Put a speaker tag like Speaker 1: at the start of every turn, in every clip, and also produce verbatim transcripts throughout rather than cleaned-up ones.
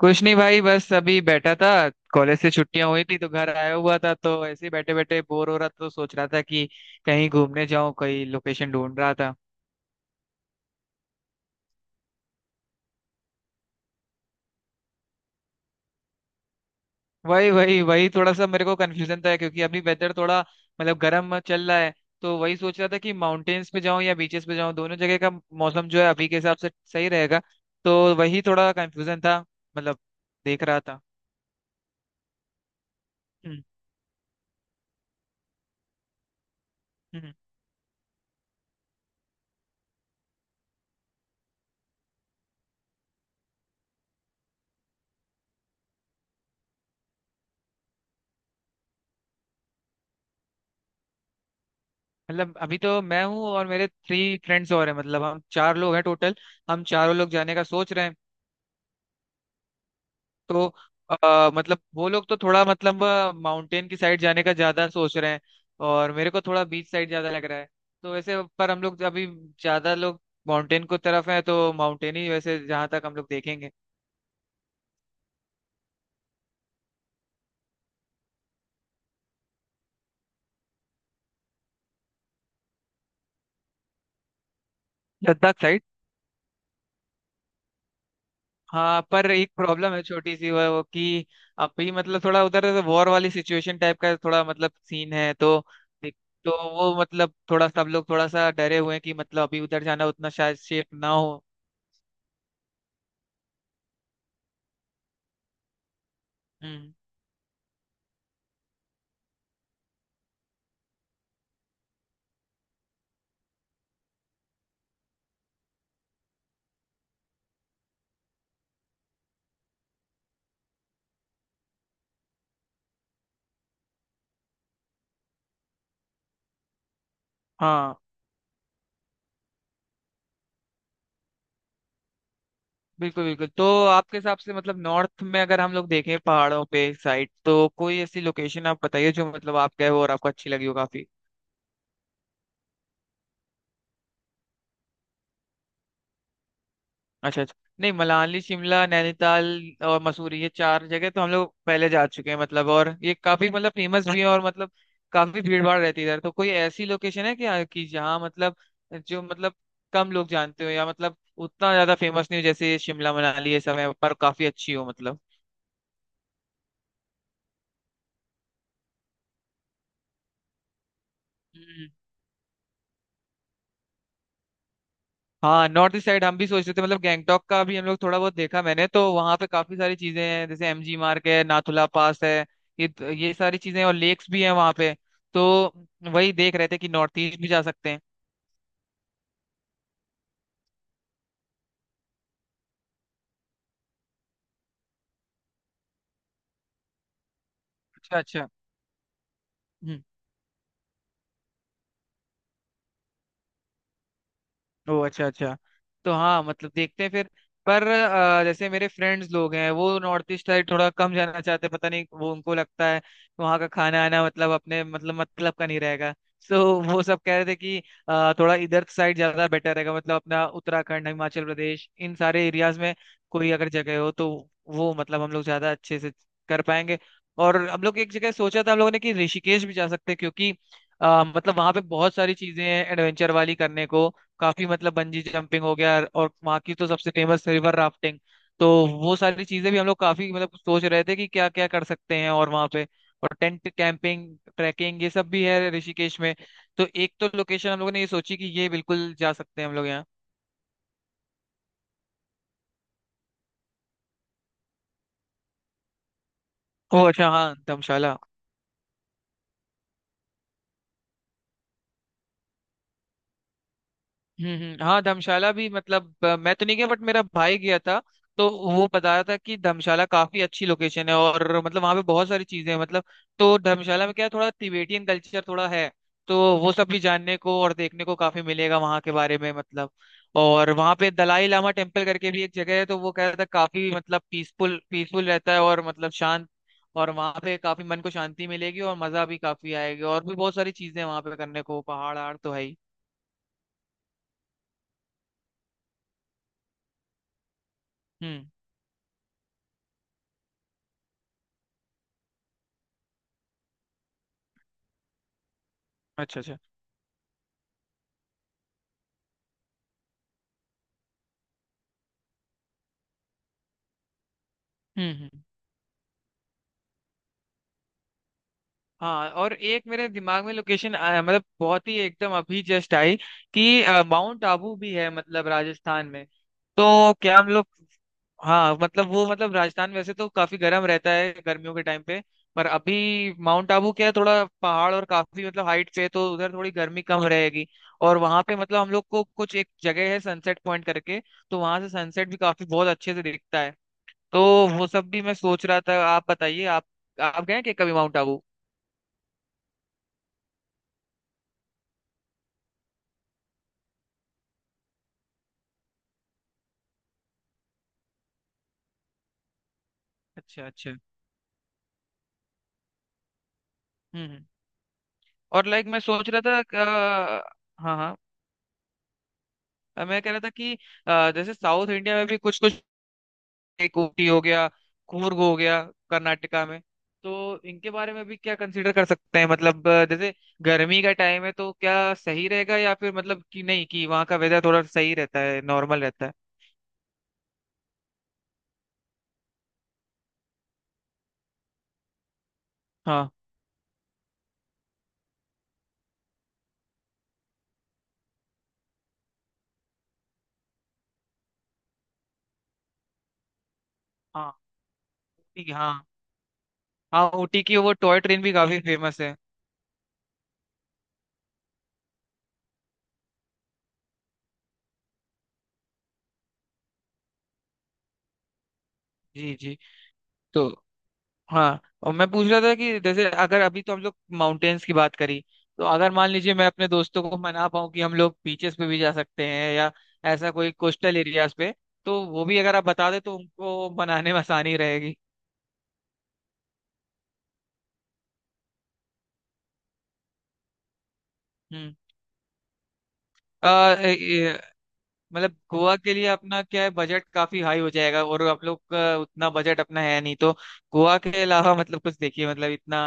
Speaker 1: कुछ नहीं भाई, बस अभी बैठा था। कॉलेज से छुट्टियां हुई थी तो घर आया हुआ था, तो ऐसे ही बैठे बैठे बोर हो रहा था तो सोच रहा था कि कहीं घूमने जाऊं, कहीं लोकेशन ढूंढ रहा था। वही वही वही थोड़ा सा मेरे को कंफ्यूजन था क्योंकि अभी वेदर थोड़ा मतलब गर्म चल रहा है। तो वही सोच रहा था कि माउंटेन्स पे जाऊं या बीचेस पे जाऊं, दोनों जगह का मौसम जो है अभी के हिसाब से सही रहेगा। तो वही थोड़ा कंफ्यूजन था मतलब देख रहा था। हम्म। हम्म, मतलब अभी तो मैं हूँ और मेरे थ्री फ्रेंड्स और हैं, मतलब हम चार लोग हैं टोटल। हम चारों लोग जाने का सोच रहे हैं। तो अ, मतलब वो लोग तो थोड़ा मतलब माउंटेन की साइड जाने का ज्यादा सोच रहे हैं और मेरे को थोड़ा बीच साइड ज्यादा लग रहा है। तो वैसे पर हम लोग अभी ज्यादा लोग माउंटेन को तरफ है, तो माउंटेन ही वैसे जहां तक हम लोग देखेंगे। लद्दाख साइड। हाँ, पर एक प्रॉब्लम है छोटी सी वो वो कि अभी मतलब थोड़ा उधर वॉर वाली सिचुएशन टाइप का थोड़ा मतलब सीन है। तो तो वो मतलब थोड़ा सब लोग थोड़ा सा डरे हुए हैं कि मतलब अभी उधर जाना उतना शायद सेफ ना हो। हम्म। हाँ बिल्कुल बिल्कुल, तो आपके हिसाब से मतलब नॉर्थ में अगर हम लोग देखें पहाड़ों पे साइड, तो कोई ऐसी लोकेशन आप बताइए जो मतलब आप गए हो और आपको अच्छी लगी हो काफी। अच्छा अच्छा। नहीं, मनाली, शिमला, नैनीताल और मसूरी, ये चार जगह तो हम लोग पहले जा चुके हैं मतलब, और ये काफी मतलब फेमस भी है और मतलब काफी भीड़ भाड़ रहती है इधर। तो कोई ऐसी लोकेशन है क्या कि जहाँ मतलब जो मतलब कम लोग जानते हो या मतलब उतना ज्यादा फेमस नहीं हो जैसे शिमला, मनाली ये सब है, पर काफी अच्छी हो मतलब। हाँ नॉर्थ ईस्ट साइड हम भी सोच रहे थे मतलब, गैंगटॉक का भी हम लोग थोड़ा बहुत देखा मैंने, तो वहां पे काफी सारी चीजें हैं जैसे एमजी मार्ग है, नाथुला पास है। ये ये सारी चीजें हैं, और लेक्स भी हैं वहां पे। तो वही देख रहे थे कि नॉर्थ ईस्ट भी जा सकते हैं। अच्छा अच्छा। ओ अच्छा अच्छा। तो हाँ मतलब देखते हैं फिर। पर अ, जैसे मेरे फ्रेंड्स लोग हैं वो नॉर्थ ईस्ट साइड थोड़ा कम जाना चाहते हैं, पता नहीं, वो उनको लगता है वहाँ का खाना आना मतलब अपने मतलब मतलब का नहीं रहेगा। सो वो सब कह रहे थे कि अ, थोड़ा इधर साइड ज्यादा बेटर रहेगा, मतलब अपना उत्तराखंड, हिमाचल प्रदेश, इन सारे एरियाज में कोई अगर जगह हो तो वो मतलब हम लोग ज्यादा अच्छे से कर पाएंगे। और हम लोग एक जगह सोचा था हम लोगों ने कि ऋषिकेश भी जा सकते हैं, क्योंकि अ, मतलब वहां पे बहुत सारी चीजें हैं एडवेंचर वाली करने को। काफी मतलब बंजी जंपिंग हो गया, और वहाँ की तो सबसे फेमस रिवर राफ्टिंग। तो वो सारी चीजें भी हम लोग काफी मतलब सोच रहे थे कि क्या क्या कर सकते हैं और वहाँ पे, और टेंट, कैंपिंग, ट्रैकिंग ये सब भी है ऋषिकेश में। तो एक तो लोकेशन हम लोगों ने ये सोची कि ये बिल्कुल जा सकते हैं हम लोग यहाँ। ओह अच्छा, हाँ धर्मशाला। हम्म हम्म, हाँ धर्मशाला भी मतलब अ, मैं तो नहीं गया बट मेरा भाई गया था। तो वो बता रहा था कि धर्मशाला काफी अच्छी लोकेशन है और मतलब वहाँ पे बहुत सारी चीजें हैं मतलब। तो धर्मशाला में क्या है, थोड़ा तिबेटियन कल्चर थोड़ा है। तो वो सब भी जानने को और देखने को काफी मिलेगा वहाँ के बारे में मतलब। और वहाँ पे दलाई लामा टेम्पल करके भी एक जगह है, तो वो कह रहा था काफी मतलब पीसफुल पीसफुल रहता है और मतलब शांत। और वहाँ पे काफी मन को शांति मिलेगी और मजा भी काफी आएगी, और भी बहुत सारी चीजें हैं वहाँ पे करने को, पहाड़ आड़ तो है ही। हम्म। अच्छा अच्छा। हम्म हम्म। हाँ और एक मेरे दिमाग में लोकेशन आया मतलब बहुत ही एकदम अभी जस्ट आई कि अ, माउंट आबू भी है मतलब राजस्थान में। तो क्या हम लोग, हाँ मतलब वो मतलब राजस्थान वैसे तो काफी गर्म रहता है गर्मियों के टाइम पे। पर अभी माउंट आबू क्या है, थोड़ा पहाड़ और काफी मतलब हाइट पे है, तो उधर थोड़ी गर्मी कम रहेगी। और वहां पे मतलब हम लोग को कुछ एक जगह है सनसेट पॉइंट करके। तो वहां से सनसेट भी काफी बहुत अच्छे से दिखता है। तो वो सब भी मैं सोच रहा था, आप बताइए आप आप गए क्या कभी माउंट आबू? अच्छा अच्छा। हम्म हम्म। और लाइक मैं सोच रहा था क- हाँ हाँ, अ, मैं कह रहा था कि अ, जैसे साउथ इंडिया में भी कुछ कुछ, एक ऊटी हो गया, कूर्ग हो गया, कर्नाटका में। तो इनके बारे में भी क्या कंसीडर कर सकते हैं मतलब अ, जैसे गर्मी का टाइम है तो क्या सही रहेगा या फिर मतलब कि नहीं, कि वहाँ का वेदर थोड़ा सही रहता है, नॉर्मल रहता है। हाँ हाँ। ऊटी की- हाँ, हाँ ऊटी की वो टॉय ट्रेन भी काफी फेमस है। जी जी। तो हाँ और मैं पूछ रहा था कि जैसे अगर अभी तो हम लोग माउंटेन्स की बात करी, तो अगर मान लीजिए मैं अपने दोस्तों को मना पाऊँ कि हम लोग बीचेस पे भी जा सकते हैं, या ऐसा कोई कोस्टल एरियाज पे तो वो भी अगर आप बता दे तो उनको मनाने में आसानी रहेगी। हम्म। अ, ए- ए- मतलब गोवा के लिए अपना क्या है, बजट काफी हाई हो जाएगा और आप लोग का उतना बजट अपना है नहीं, तो गोवा के अलावा मतलब कुछ देखिए मतलब इतना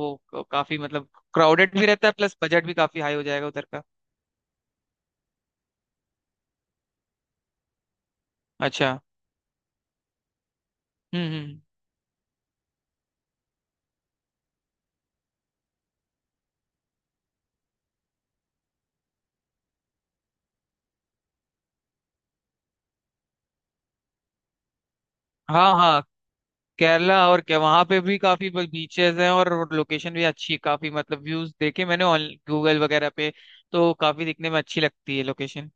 Speaker 1: वो काफी मतलब क्राउडेड भी रहता है, प्लस बजट भी काफी हाई हो जाएगा उधर का। अच्छा। हम्म हम्म। हाँ हाँ, केरला और क्या, वहां पे भी काफी बीचेस हैं और लोकेशन भी अच्छी है काफी मतलब, व्यूज देखे मैंने ऑन गूगल वगैरह पे, तो काफी दिखने में अच्छी लगती है लोकेशन।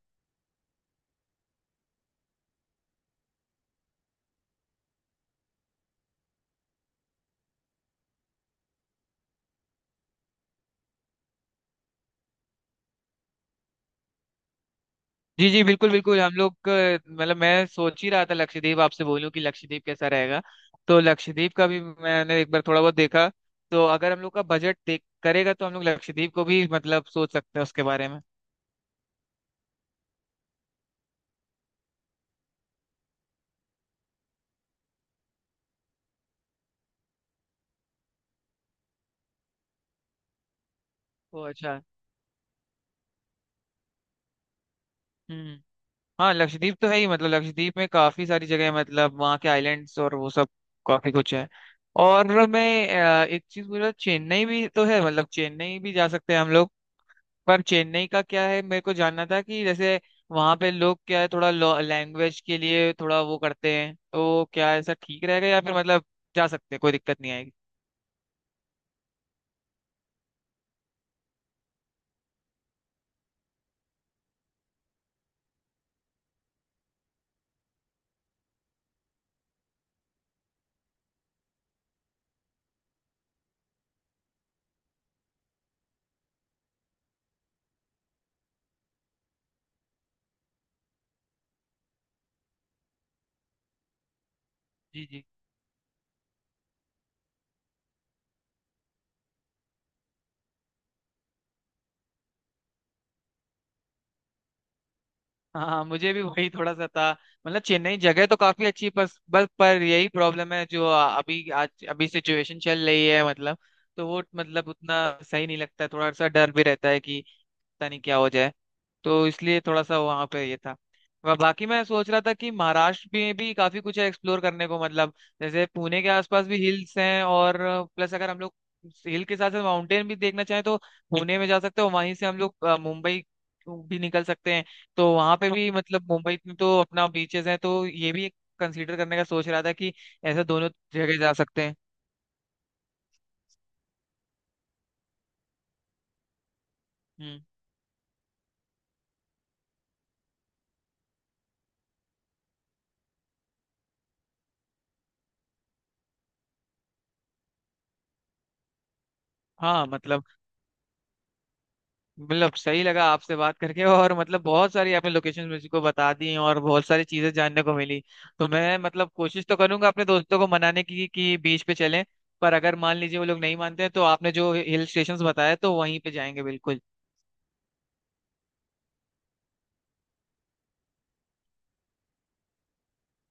Speaker 1: जी जी बिल्कुल बिल्कुल, हम लोग अ, मतलब मैं सोच ही रहा था लक्षद्वीप आपसे बोलूं कि लक्षद्वीप कैसा रहेगा। तो लक्षद्वीप का भी मैंने एक बार थोड़ा बहुत देखा, तो अगर हम लोग का बजट देख करेगा तो हम लोग लक्षद्वीप को भी मतलब सोच सकते हैं उसके बारे में। ओ अच्छा। हम्म। हाँ लक्षद्वीप तो है ही मतलब, लक्षद्वीप में काफी सारी जगह है मतलब वहाँ के आइलैंड्स और वो सब, काफी कुछ है। और मैं अ, एक चीज बोल रहा, चेन्नई भी तो है मतलब, चेन्नई भी जा सकते हैं हम लोग। पर चेन्नई का क्या है, मेरे को जानना था कि जैसे वहाँ पे लोग क्या है थोड़ा लैंग्वेज के लिए थोड़ा वो करते हैं, तो क्या ऐसा ठीक रहेगा या फिर मतलब जा सकते हैं, कोई दिक्कत नहीं आएगी? जी जी। हाँ मुझे भी वही थोड़ा सा था मतलब, चेन्नई जगह तो काफी अच्छी, पर बस पर यही प्रॉब्लम है जो अभी आज अभी सिचुएशन चल रही है मतलब। तो वो मतलब उतना सही नहीं लगता है, थोड़ा सा डर भी रहता है कि पता नहीं क्या हो जाए, तो इसलिए थोड़ा सा वहां पे ये था। वह बाकी मैं सोच रहा था कि महाराष्ट्र में भी काफी कुछ है एक्सप्लोर करने को मतलब, जैसे पुणे के आसपास भी हिल्स हैं, और प्लस अगर हम लोग हिल के साथ साथ माउंटेन भी देखना चाहें तो पुणे में जा सकते हो, वहीं से हम लोग अ, मुंबई भी निकल सकते हैं। तो वहां पे भी मतलब मुंबई में तो अपना बीचेस हैं, तो ये भी कंसीडर करने का सोच रहा था कि ऐसा दोनों जगह जा सकते हैं। हम्म। हाँ मतलब, मतलब सही लगा आपसे बात करके और मतलब बहुत सारी आपने लोकेशन मुझे को बता दी और बहुत सारी चीजें जानने को मिली। तो मैं मतलब कोशिश तो करूंगा अपने दोस्तों को मनाने की कि बीच पे चलें, पर अगर मान लीजिए वो लोग नहीं मानते हैं तो आपने जो हिल स्टेशंस बताया तो वहीं पे जाएंगे, बिल्कुल।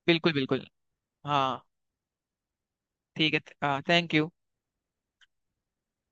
Speaker 1: बिल्कुल बिल्कुल। हाँ ठीक है, हाँ थैंक यू।